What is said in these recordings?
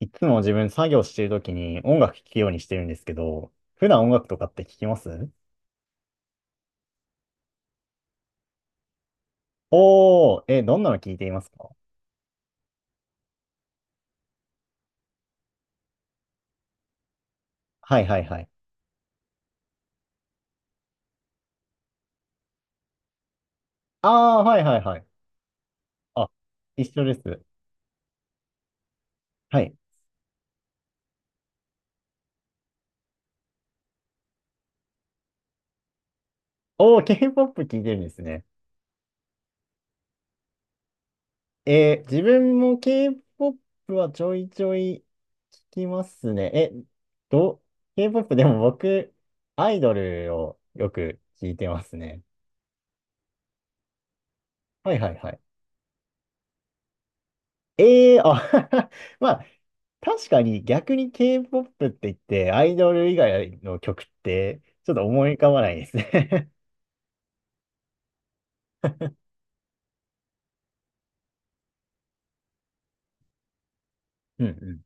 いつも自分作業してるときに音楽聴くようにしてるんですけど、普段音楽とかって聴きます？おー、え、どんなの聴いていますか？はいはいはい。あー、はいはいはい。あ、一緒です。はい。おー、K-POP 聴いてるんですね。自分も K-POP はちょいちょい聴きますね。ど、K-POP でも僕、アイドルをよく聴いてますね。はいはいはい。ええあ まあ、確かに逆に K-POP って言って、アイドル以外の曲って、ちょっと思い浮かばないですね。 うんうん。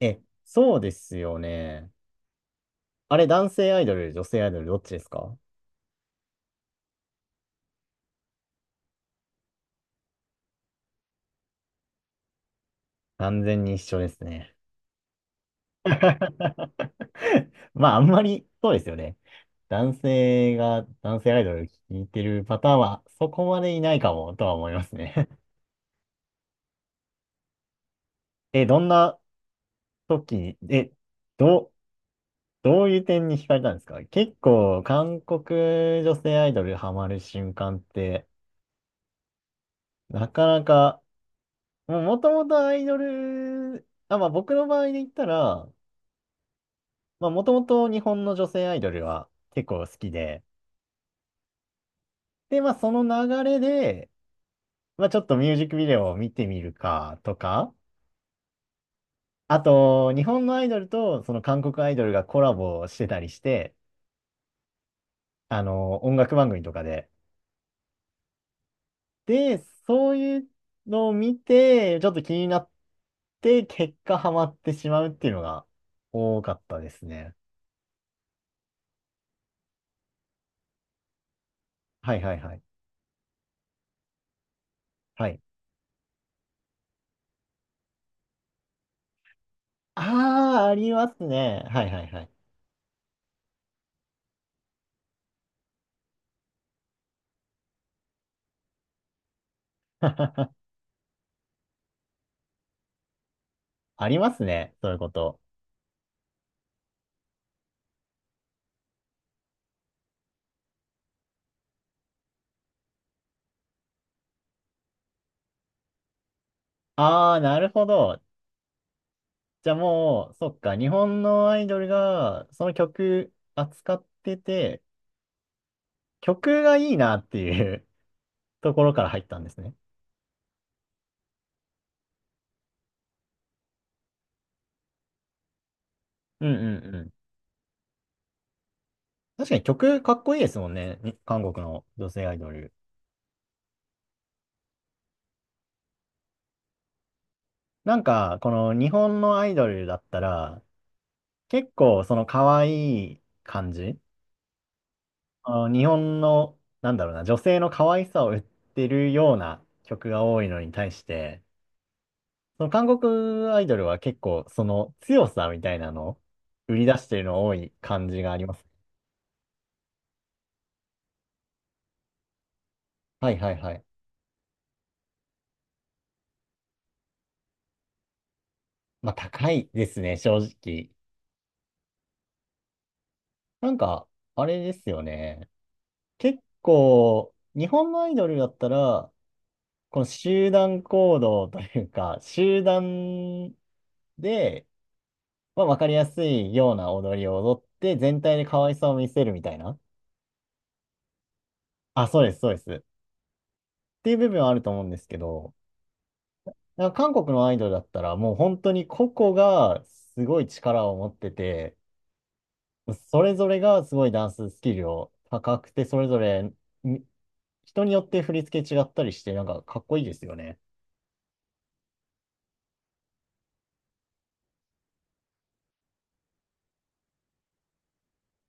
え、そうですよね。あれ、男性アイドル、女性アイドル、どっちですか？完全に一緒ですね。まあ、あんまり、そうですよね。男性が、男性アイドル聴いてるパターンは、そこまでいないかも、とは思いますね。どんな時に、え、どう、どういう点に惹かれたんですか？結構、韓国女性アイドルハマる瞬間って、なかなか、もう元々アイドル、あ、まあ僕の場合で言ったら、まあもともと日本の女性アイドルは結構好きで、で、まあその流れで、まあちょっとミュージックビデオを見てみるかとか、あと、日本のアイドルとその韓国アイドルがコラボしてたりして、音楽番組とかで、で、そういうのを見て、ちょっと気になって、結果ハマってしまうっていうのが多かったですね。はいはいはい。はい。ああ、ありますね。はいはいはい。ありますね。そういうこと。ああ、なるほど。じゃあもう、そっか。日本のアイドルが、その曲扱ってて、曲がいいなっていう ところから入ったんですね。うんうんうん。確かに曲かっこいいですもんね。に韓国の女性アイドル。なんか、この日本のアイドルだったら、結構その可愛い感じ、日本の、なんだろうな、女性の可愛さを売ってるような曲が多いのに対して、その韓国アイドルは結構その強さみたいなのを売り出してるの多い感じがあります。はいはいはい。まあ高いですね、正直。なんか、あれですよね。結構、日本のアイドルだったら、この集団行動というか、集団で、まあ、わかりやすいような踊りを踊って、全体で可愛さを見せるみたいな。あ、そうです、そうです。っていう部分はあると思うんですけど、なんか韓国のアイドルだったら、もう本当に個々がすごい力を持ってて、それぞれがすごいダンススキルを高くて、それぞれみ人によって振り付け違ったりして、なんかかっこいいですよね。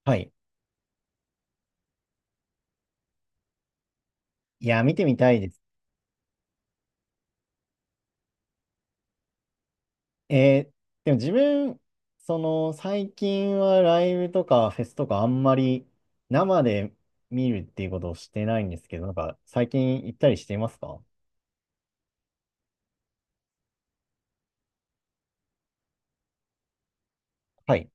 はい。いや、見てみたいです。えーでも自分、その最近はライブとかフェスとかあんまり生で見るっていうことをしてないんですけど、なんか最近行ったりしていますか？はい。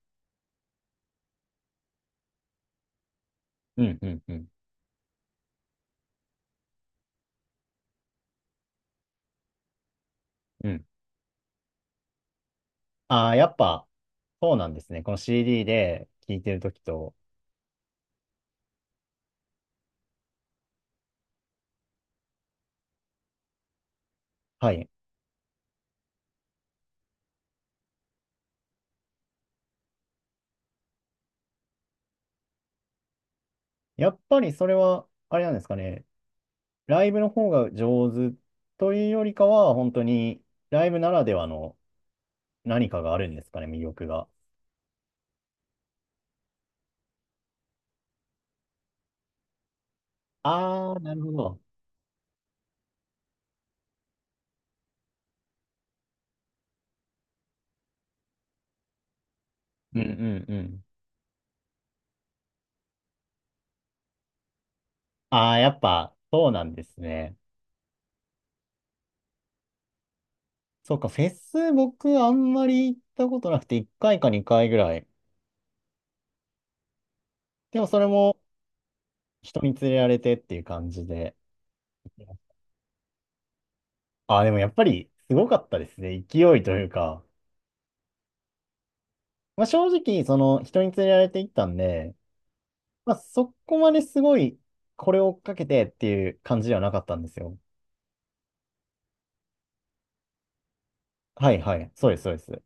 うんうんうんうん。ああ、やっぱそうなんですね。この CD で聴いてるときと。はい。やっぱりそれは、あれなんですかね。ライブの方が上手というよりかは、本当にライブならではの何かがあるんですかね、魅力が。ああ、なるほど。うんうんうん。ああ、やっぱ、そうなんですね。そうか、フェス、僕、あんまり行ったことなくて、1回か2回ぐらい。でも、それも、人に連れられてっていう感じで。ああ、でも、やっぱり、すごかったですね。勢いというか。まあ、正直、その、人に連れられて行ったんで、まあ、そこまですごい、これを追っかけてっていう感じではなかったんですよ。はい、はい。そうです、そうです。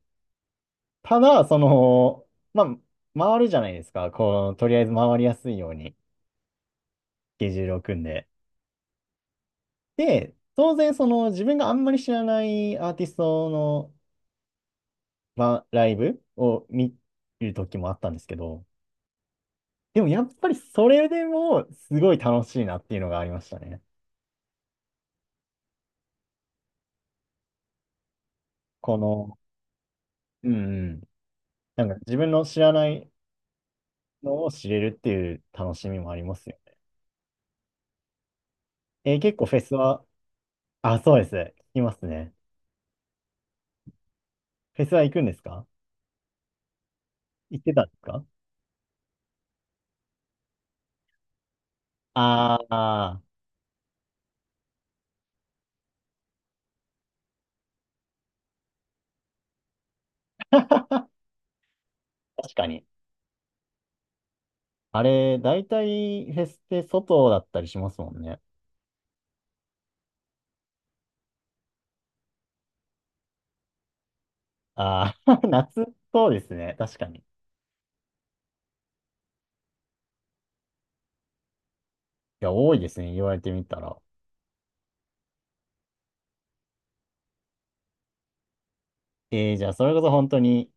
ただ、その、まあ、回るじゃないですか。こう、とりあえず回りやすいように、スケジュールを組んで。で、当然その自分があんまり知らないアーティストのライブを見る時もあったんですけど、でもやっぱりそれでもすごい楽しいなっていうのがありましたね。この、うんうん、なんか自分の知らないのを知れるっていう楽しみもありますよね。結構フェスは、あ、そうです。聞きますね。フェスは行くんですか？行ってたんですか？ああー、確かに。あれ、大体フェスって外だったりしますもんね。ああ、夏、そうですね。確かに。いや、多いですね。言われてみたら。えー、じゃあ、それこそ本当に、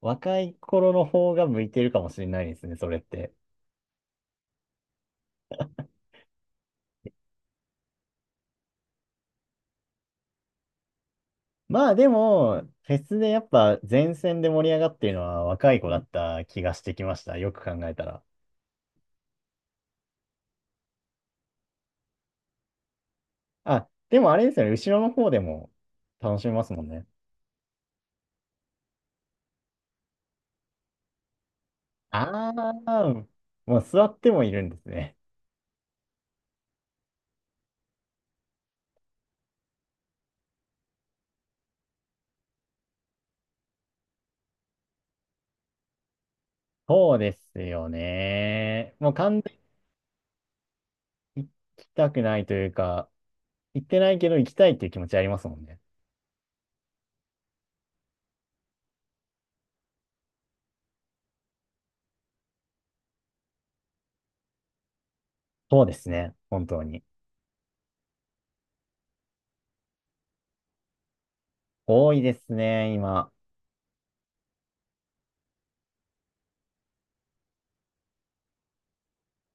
若い頃の方が向いてるかもしれないですね、それって。まあ、でも、フェスでやっぱ前線で盛り上がってるのは若い子だった気がしてきました。よく考えたら。あ、でもあれですよね。後ろの方でも楽しめますもんね。ああ、もう座ってもいるんですね。そうですよね。もう完全に行きたくないというか、行ってないけど行きたいっていう気持ちありますもんね。そうですね。本当に。多いですね、今。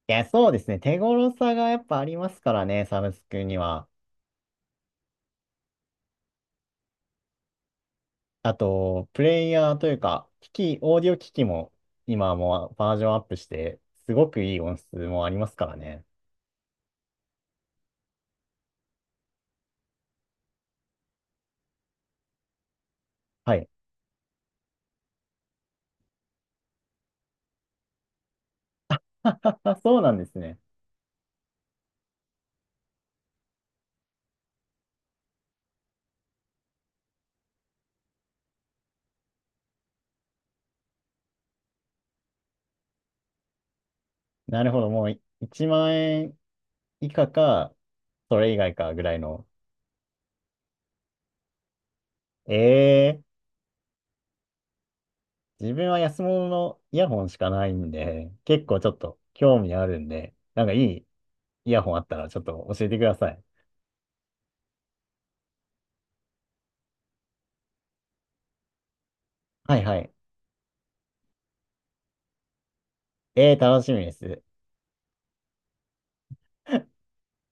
いや、そうですね。手頃さがやっぱありますからね、サブスクには。あと、プレイヤーというか、機器、オーディオ機器も今はもうバージョンアップして、すごくいい音質もありますからね。はい。そうなんですね。なるほど。もう1万円以下か、それ以外かぐらいの。ええ自分は安物のイヤホンしかないんで、結構ちょっと興味あるんで、なんかいいイヤホンあったらちょっと教えてください。はいはい。えー、楽しみです。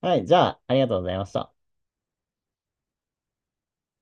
はい、じゃあ、ありがとうございました。